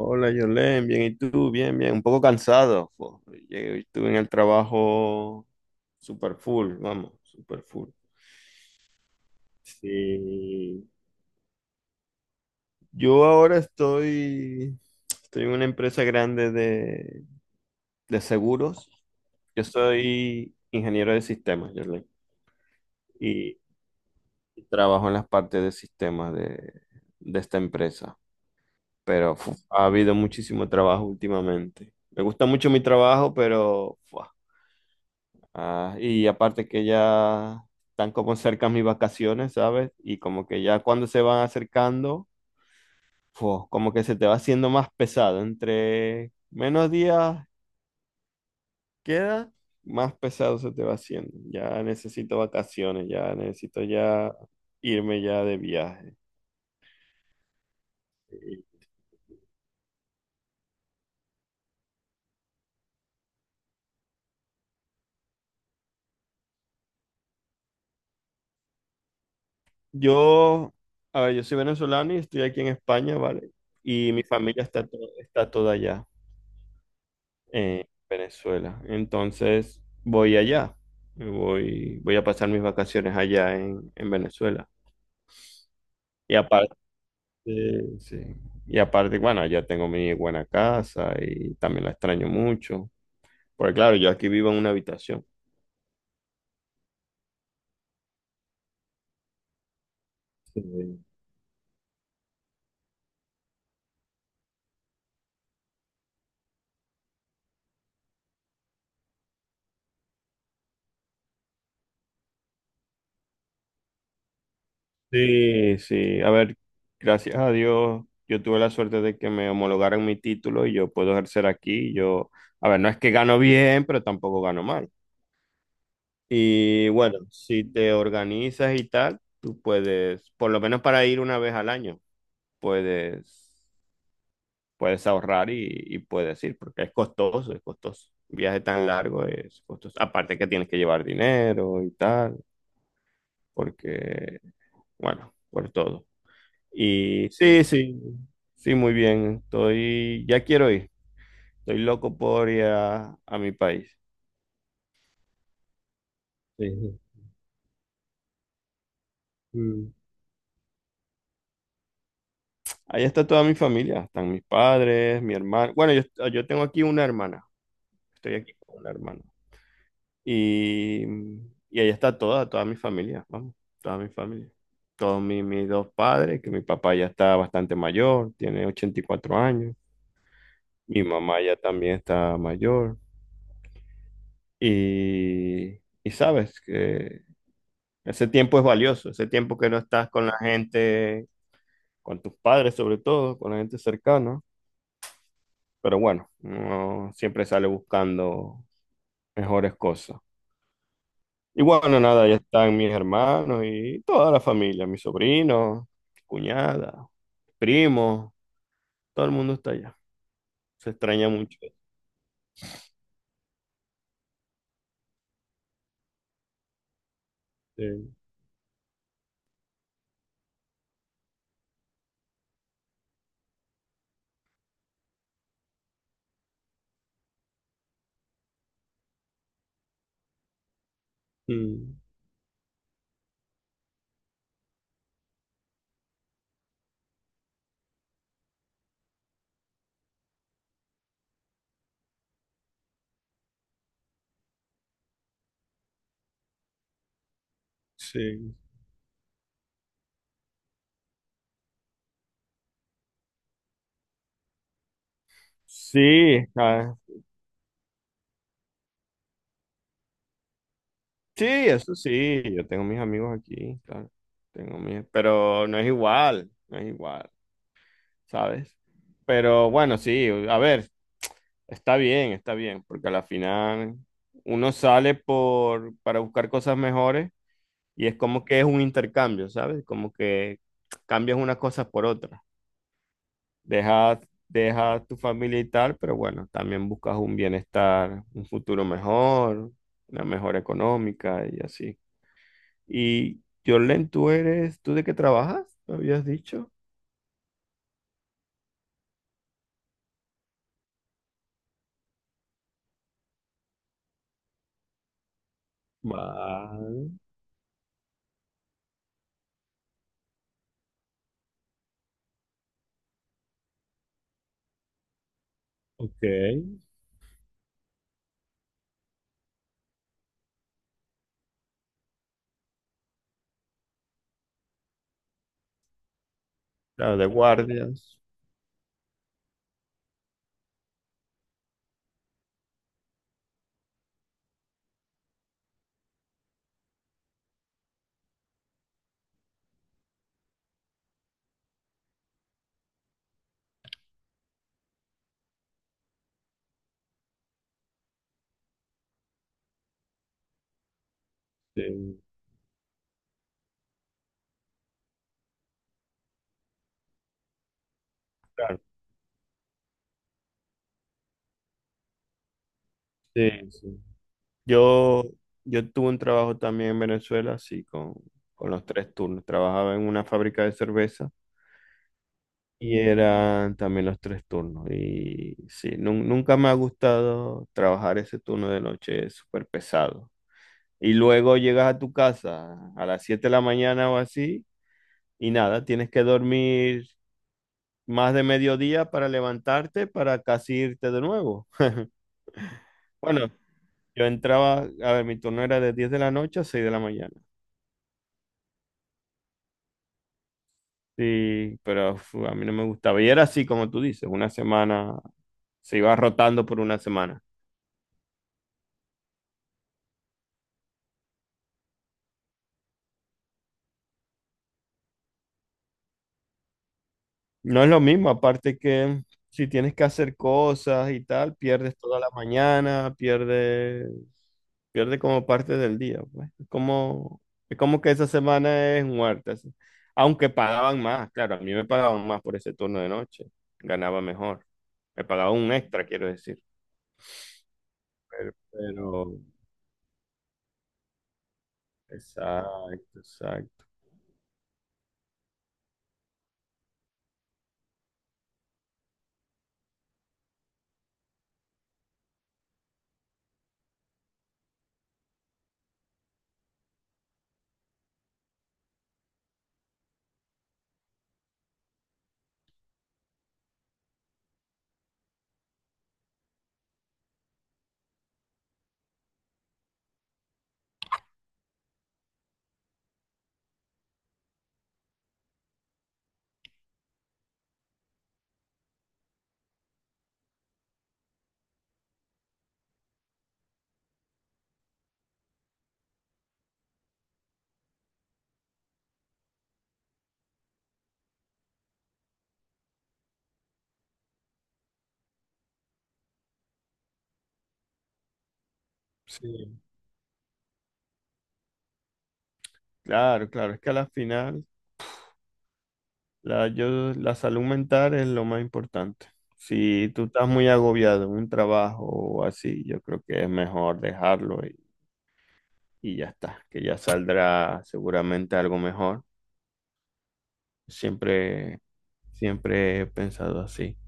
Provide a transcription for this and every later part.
Hola, Yolén, bien, ¿y tú? Bien, bien, un poco cansado, po. Llegué, estuve en el trabajo super full, vamos, super full. Sí. Yo ahora estoy en una empresa grande de seguros. Yo soy ingeniero de sistemas, Yolén, y trabajo en las partes de sistemas de esta empresa. Pero ha habido muchísimo trabajo últimamente. Me gusta mucho mi trabajo, pero ah, y aparte que ya están como cerca mis vacaciones, ¿sabes? Y como que ya cuando se van acercando, como que se te va haciendo más pesado. Entre menos días queda, más pesado se te va haciendo. Ya necesito vacaciones, ya necesito ya irme ya de viaje. Y yo, a ver, yo soy venezolano y estoy aquí en España, ¿vale? Y mi familia está, está toda allá, en Venezuela. Entonces voy allá, voy a pasar mis vacaciones allá en Venezuela. Y aparte, sí, y aparte, bueno, allá tengo mi buena casa y también la extraño mucho, porque claro, yo aquí vivo en una habitación. Sí, sí, sí. A ver, gracias a Dios, yo tuve la suerte de que me homologaran mi título y yo puedo ejercer aquí. Yo, a ver, no es que gano bien, pero tampoco gano mal. Y bueno, si te organizas y tal, tú puedes, por lo menos para ir una vez al año, puedes, puedes ahorrar y puedes ir, porque es costoso, es costoso. Un viaje tan largo es costoso. Aparte que tienes que llevar dinero y tal, porque, bueno, por todo. Y sí, sí, sí, muy bien. Estoy, ya quiero ir. Estoy loco por ir a mi país. Sí. Ahí está toda mi familia, están mis padres, mi hermano. Bueno, yo tengo aquí una hermana, estoy aquí con una hermana. Y, y ahí está toda, toda mi familia, vamos, toda mi familia. Todos mis dos padres, que mi papá ya está bastante mayor, tiene 84 años, mi mamá ya también está mayor. Y, y sabes que ese tiempo es valioso, ese tiempo que no estás con la gente, con tus padres sobre todo, con la gente cercana. Pero bueno, uno siempre sale buscando mejores cosas. Y bueno, nada, ya están mis hermanos y toda la familia, mis sobrinos, cuñada, primos, todo el mundo está allá. Se extraña mucho. Sí. Mm, sí. Sí, ah, sí, eso sí, yo tengo mis amigos aquí, claro. Tengo mis, pero no es igual, no es igual, ¿sabes? Pero bueno, sí, a ver, está bien, está bien, porque a la final uno sale para buscar cosas mejores y es como que es un intercambio, ¿sabes? Como que cambias unas cosas por otras. Dejas, dejas tu familia y tal, pero bueno, también buscas un bienestar, un futuro mejor, una mejora económica y así. Y Jorlen, tú de qué trabajas? ¿Me habías dicho? Vale, ok. Claro, de guardias. Sí, claro. Sí, sí. Yo, yo tuve un trabajo también en Venezuela, así con los tres turnos. Trabajaba en una fábrica de cerveza y eran también los tres turnos. Y sí, nunca me ha gustado trabajar ese turno de noche, es súper pesado. Y luego llegas a tu casa a las 7 de la mañana o así, y nada, tienes que dormir más de mediodía para levantarte, para casi irte de nuevo. Bueno, yo entraba, a ver, mi turno era de 10 de la noche a 6 de la mañana. Sí, pero uf, a mí no me gustaba. Y era así, como tú dices, una semana, se iba rotando por una semana. No es lo mismo, aparte que si tienes que hacer cosas y tal, pierdes toda la mañana, pierdes, pierde como parte del día, pues. Es como que esa semana es muerta, así. Aunque pagaban más, claro, a mí me pagaban más por ese turno de noche, ganaba mejor. Me pagaban un extra, quiero decir. Pero, exacto, exacto. Sí, claro, claro, es que a la final la salud mental es lo más importante. Si tú estás muy agobiado en un trabajo o así, yo creo que es mejor dejarlo y ya está, que ya saldrá seguramente algo mejor. Siempre, siempre he pensado así.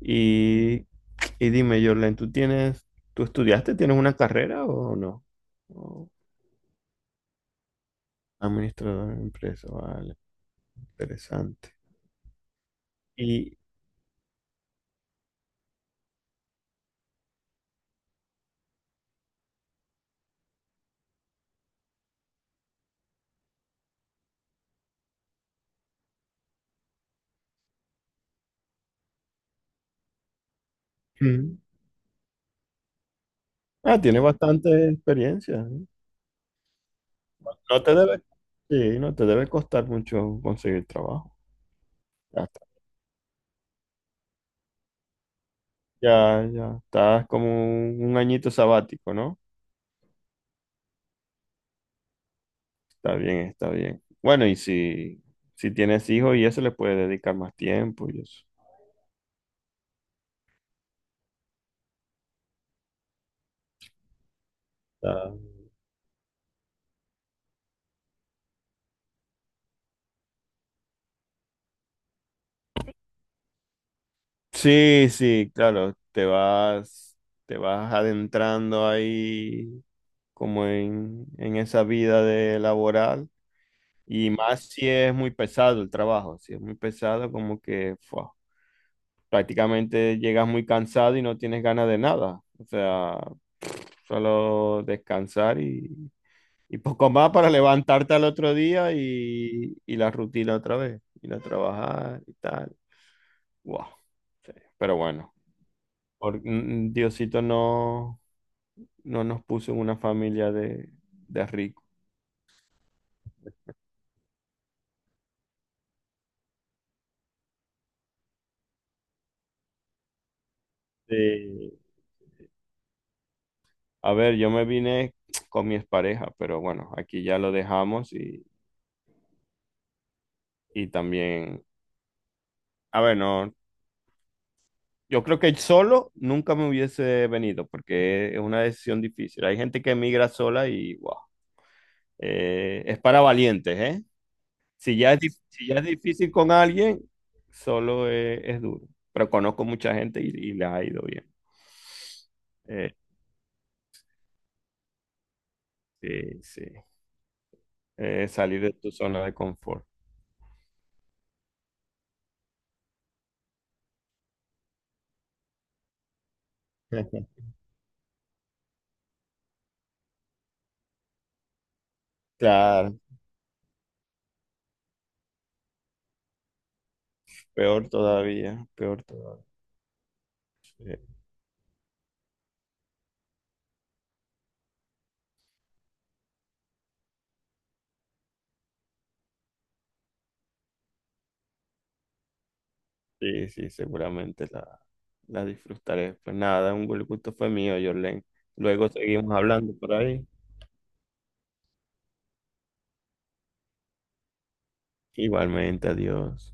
Y, y dime, Jorlen, tú estudiaste, tienes una carrera o no? O administrador de empresa, vale, interesante. Y, ah, tiene bastante experiencia, ¿sí? No te debe, sí, no te debe costar mucho conseguir trabajo. Ya está. Ya, ya. Estás como un añito sabático, ¿no? Está bien, está bien. Bueno, y si, si tienes hijos y eso le puedes dedicar más tiempo y eso. Está- sí, sí, claro. Te vas adentrando ahí como en esa vida de laboral. Y más si es muy pesado el trabajo, si es muy pesado, como que fua, prácticamente llegas muy cansado y no tienes ganas de nada. O sea, solo descansar y poco más para levantarte al otro día y la rutina otra vez, ir a trabajar y tal. Wow. Pero bueno, Diosito no, no nos puso en una familia de ricos. Sí, a ver, yo me vine con mi expareja, pero bueno, aquí ya lo dejamos y también, a ver, no, yo creo que solo nunca me hubiese venido porque es una decisión difícil. Hay gente que emigra sola y, wow, es para valientes, ¿eh? Si ya es difícil con alguien, solo es duro. Pero conozco mucha gente y les ha ido bien. Eh, sí, sí. Salir de tu zona de confort. Claro, peor todavía, peor todavía. Eh, Sí, sí, seguramente la disfrutaré. Pues nada, un buen gusto fue mío, Jorlen. Luego seguimos hablando por ahí. Igualmente, adiós.